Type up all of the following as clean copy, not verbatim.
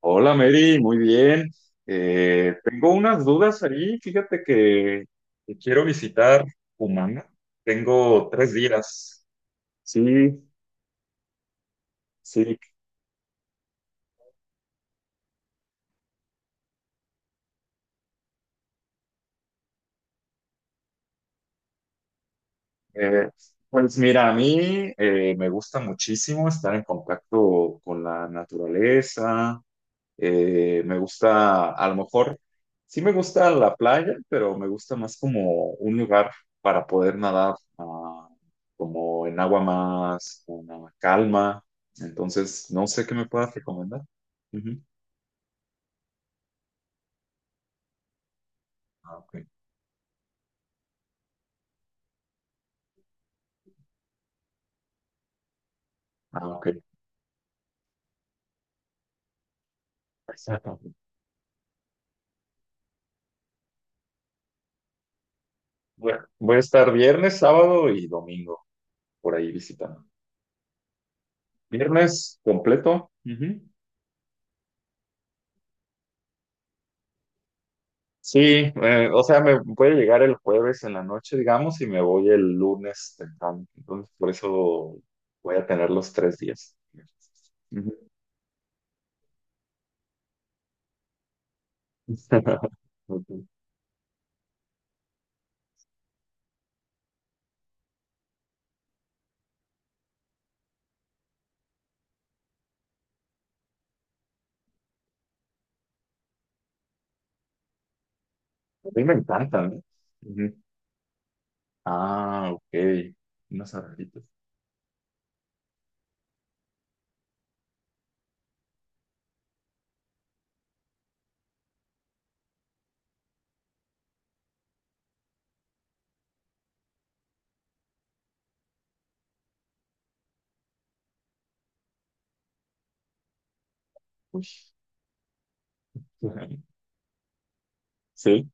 Hola Mary, muy bien. Tengo unas dudas ahí. Fíjate que quiero visitar Humana. Tengo tres días. Sí, sí. Eh, pues mira, a mí me gusta muchísimo estar en contacto con la naturaleza. Me gusta, a lo mejor, sí me gusta la playa, pero me gusta más como un lugar para poder nadar, como en agua más una calma. Entonces, no sé qué me puedas recomendar. Ujú. Ah, ok. Ah, ok. Exacto. Bueno, voy a estar viernes, sábado y domingo por ahí visitando. Viernes completo. Ujú. Sí, o sea, me puede llegar el jueves en la noche, digamos, y me voy el lunes temprano. Entonces, por eso voy a tener los 3 días. Ujú. Ok. A mí me encantan, ¿eh? Ujú. Ah, ok. Unas arrolitas. Uy. Sí.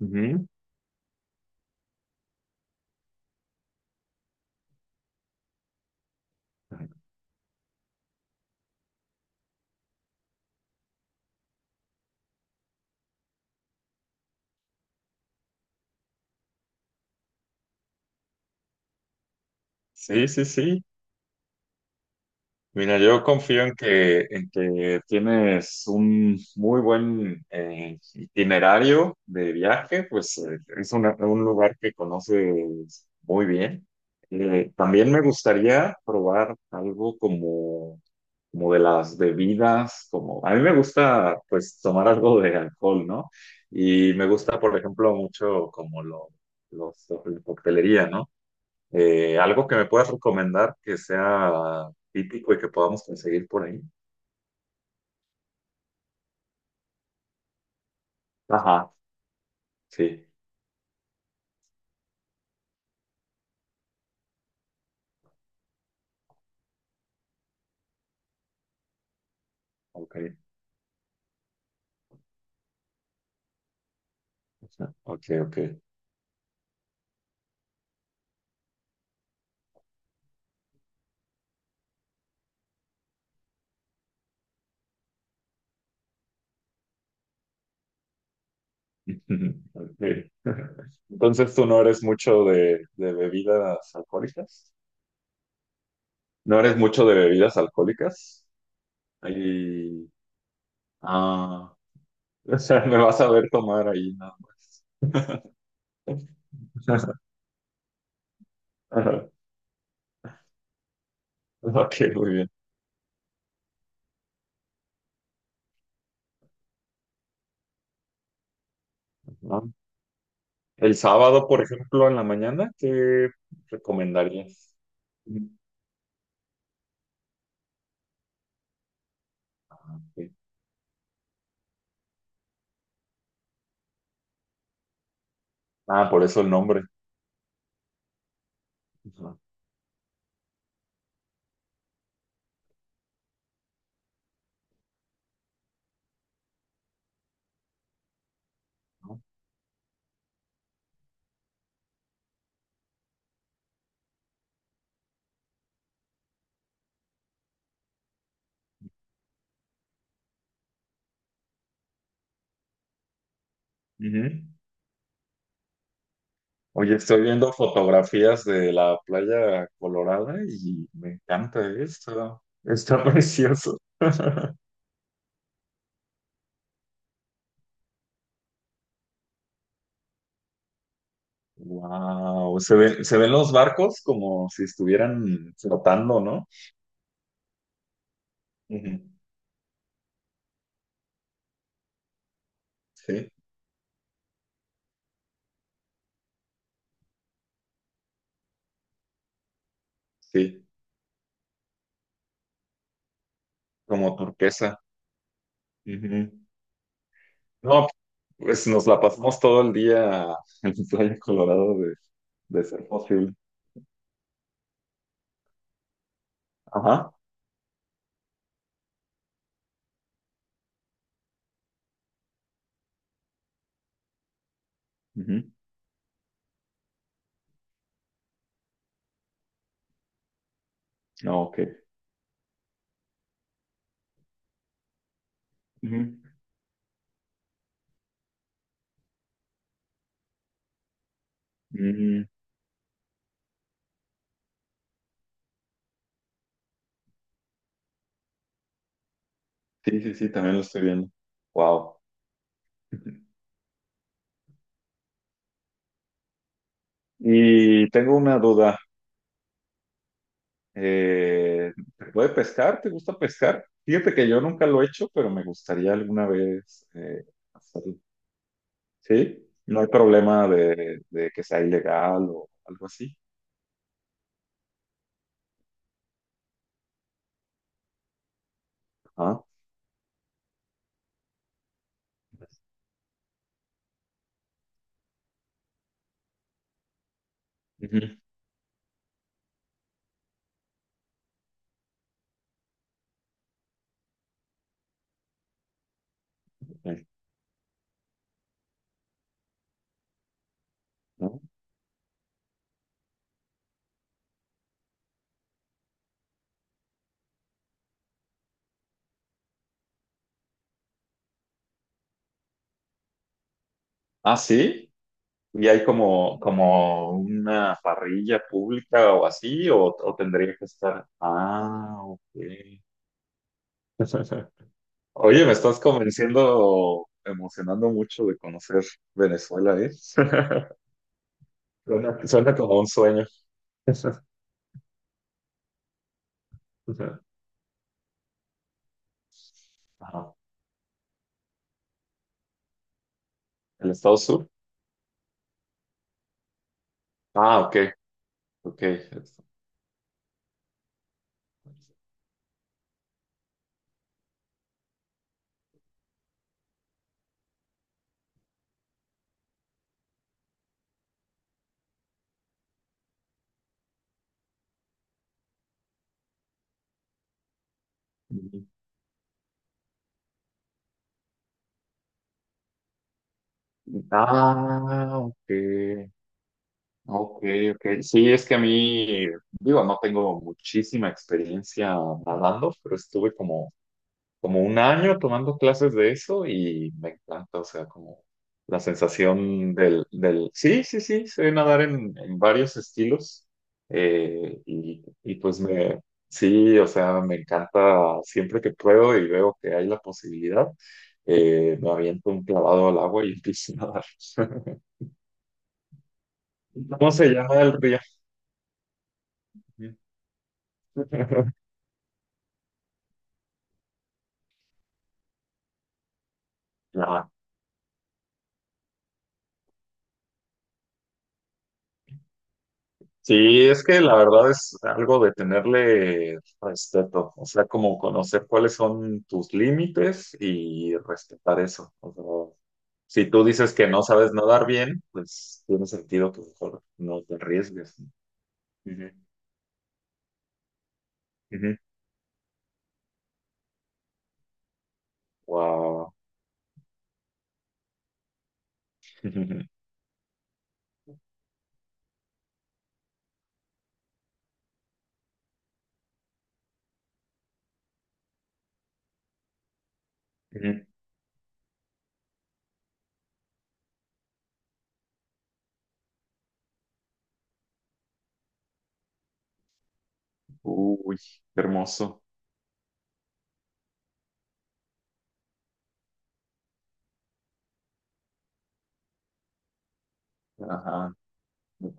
Ujú. Sí, sí, sí. Mira, yo confío en que tienes un muy buen itinerario de viaje, pues es un lugar que conoces muy bien. También me gustaría probar algo como, como de las bebidas, como a mí me gusta pues tomar algo de alcohol, ¿no? Y me gusta, por ejemplo, mucho la coctelería, ¿no? Algo que me puedas recomendar que sea típico y que podamos conseguir por ahí. Ajá, sí, ok. Ok, ok. Ok. Entonces tú no eres mucho de bebidas alcohólicas. No eres mucho de bebidas alcohólicas. Y, ah, o sea, me vas a ver tomar ahí nada más. Ajá. Ok, muy bien. Ajá. El sábado, por ejemplo, en la mañana, ¿qué recomendarías? Ujú. Ah, ok. Ah, por eso el nombre. Ujú. Ujú. Oye, estoy viendo fotografías de la playa Colorada y me encanta esto. Está precioso. Wow, se ven los barcos como si estuvieran flotando, ¿no? Ujú. Sí, sí, como turquesa. Ujú. No, pues nos la pasamos todo el día en la playa Colorado de ser posible. Ajá. Ujú. No, ok. Ujú. Sí, sí, sí, también lo estoy viendo. Wow. Y tengo una duda. Eh, ¿Te puede pescar? ¿Te gusta pescar? Fíjate que yo nunca lo he hecho, pero me gustaría alguna vez hacerlo. ¿Sí? No hay problema de que sea ilegal o algo así. Ah, ujú. Ok, ¿no? Ah, sí. ¿Y hay como, como una parrilla pública o así? O tendría que estar? Ah, ok. Oye, me estás convenciendo, emocionando mucho de conocer Venezuela, ¿eh? Suena, suena como un sueño. Ajá. ¿El estado sur? Ah, ok, ok. Ujú. Ah, ok, ok, ok. Sí, es que a mí, digo, no tengo muchísima experiencia nadando, pero estuve como un año tomando clases de eso y me encanta, o sea, como la sensación del Sí, sí, sí, sé nadar en varios estilos y pues me... Sí, o sea, me encanta siempre que pruebo y veo que hay la posibilidad, me aviento un clavado al agua y empiezo a nadar. ¿Cómo se llama el río? No. Sí, es que la verdad es algo de tenerle respeto, o sea, como conocer cuáles son tus límites y respetar eso. O sea, si tú dices que no sabes nadar bien, pues tiene sentido que mejor no te arriesgues. Ujú, ujú. Wow. Ujú. Uy, qué hermoso. Ajá, muy.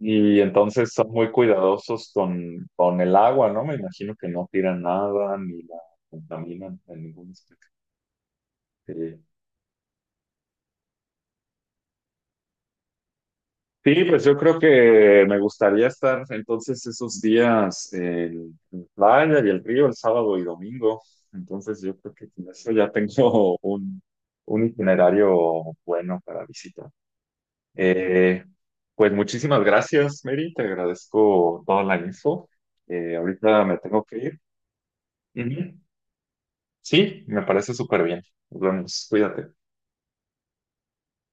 Y entonces son muy cuidadosos con el agua, ¿no? Me imagino que no tiran nada ni la contaminan en ningún aspecto. Sí. Sí, pues yo creo que me gustaría estar entonces esos días en playa y el río el sábado y domingo. Entonces yo creo que con eso ya tengo un itinerario bueno para visitar. Eh, pues muchísimas gracias, Mary. Te agradezco toda la info. Ahorita me tengo que ir. Ujú. Sí, me parece súper bien. Nos vemos, cuídate.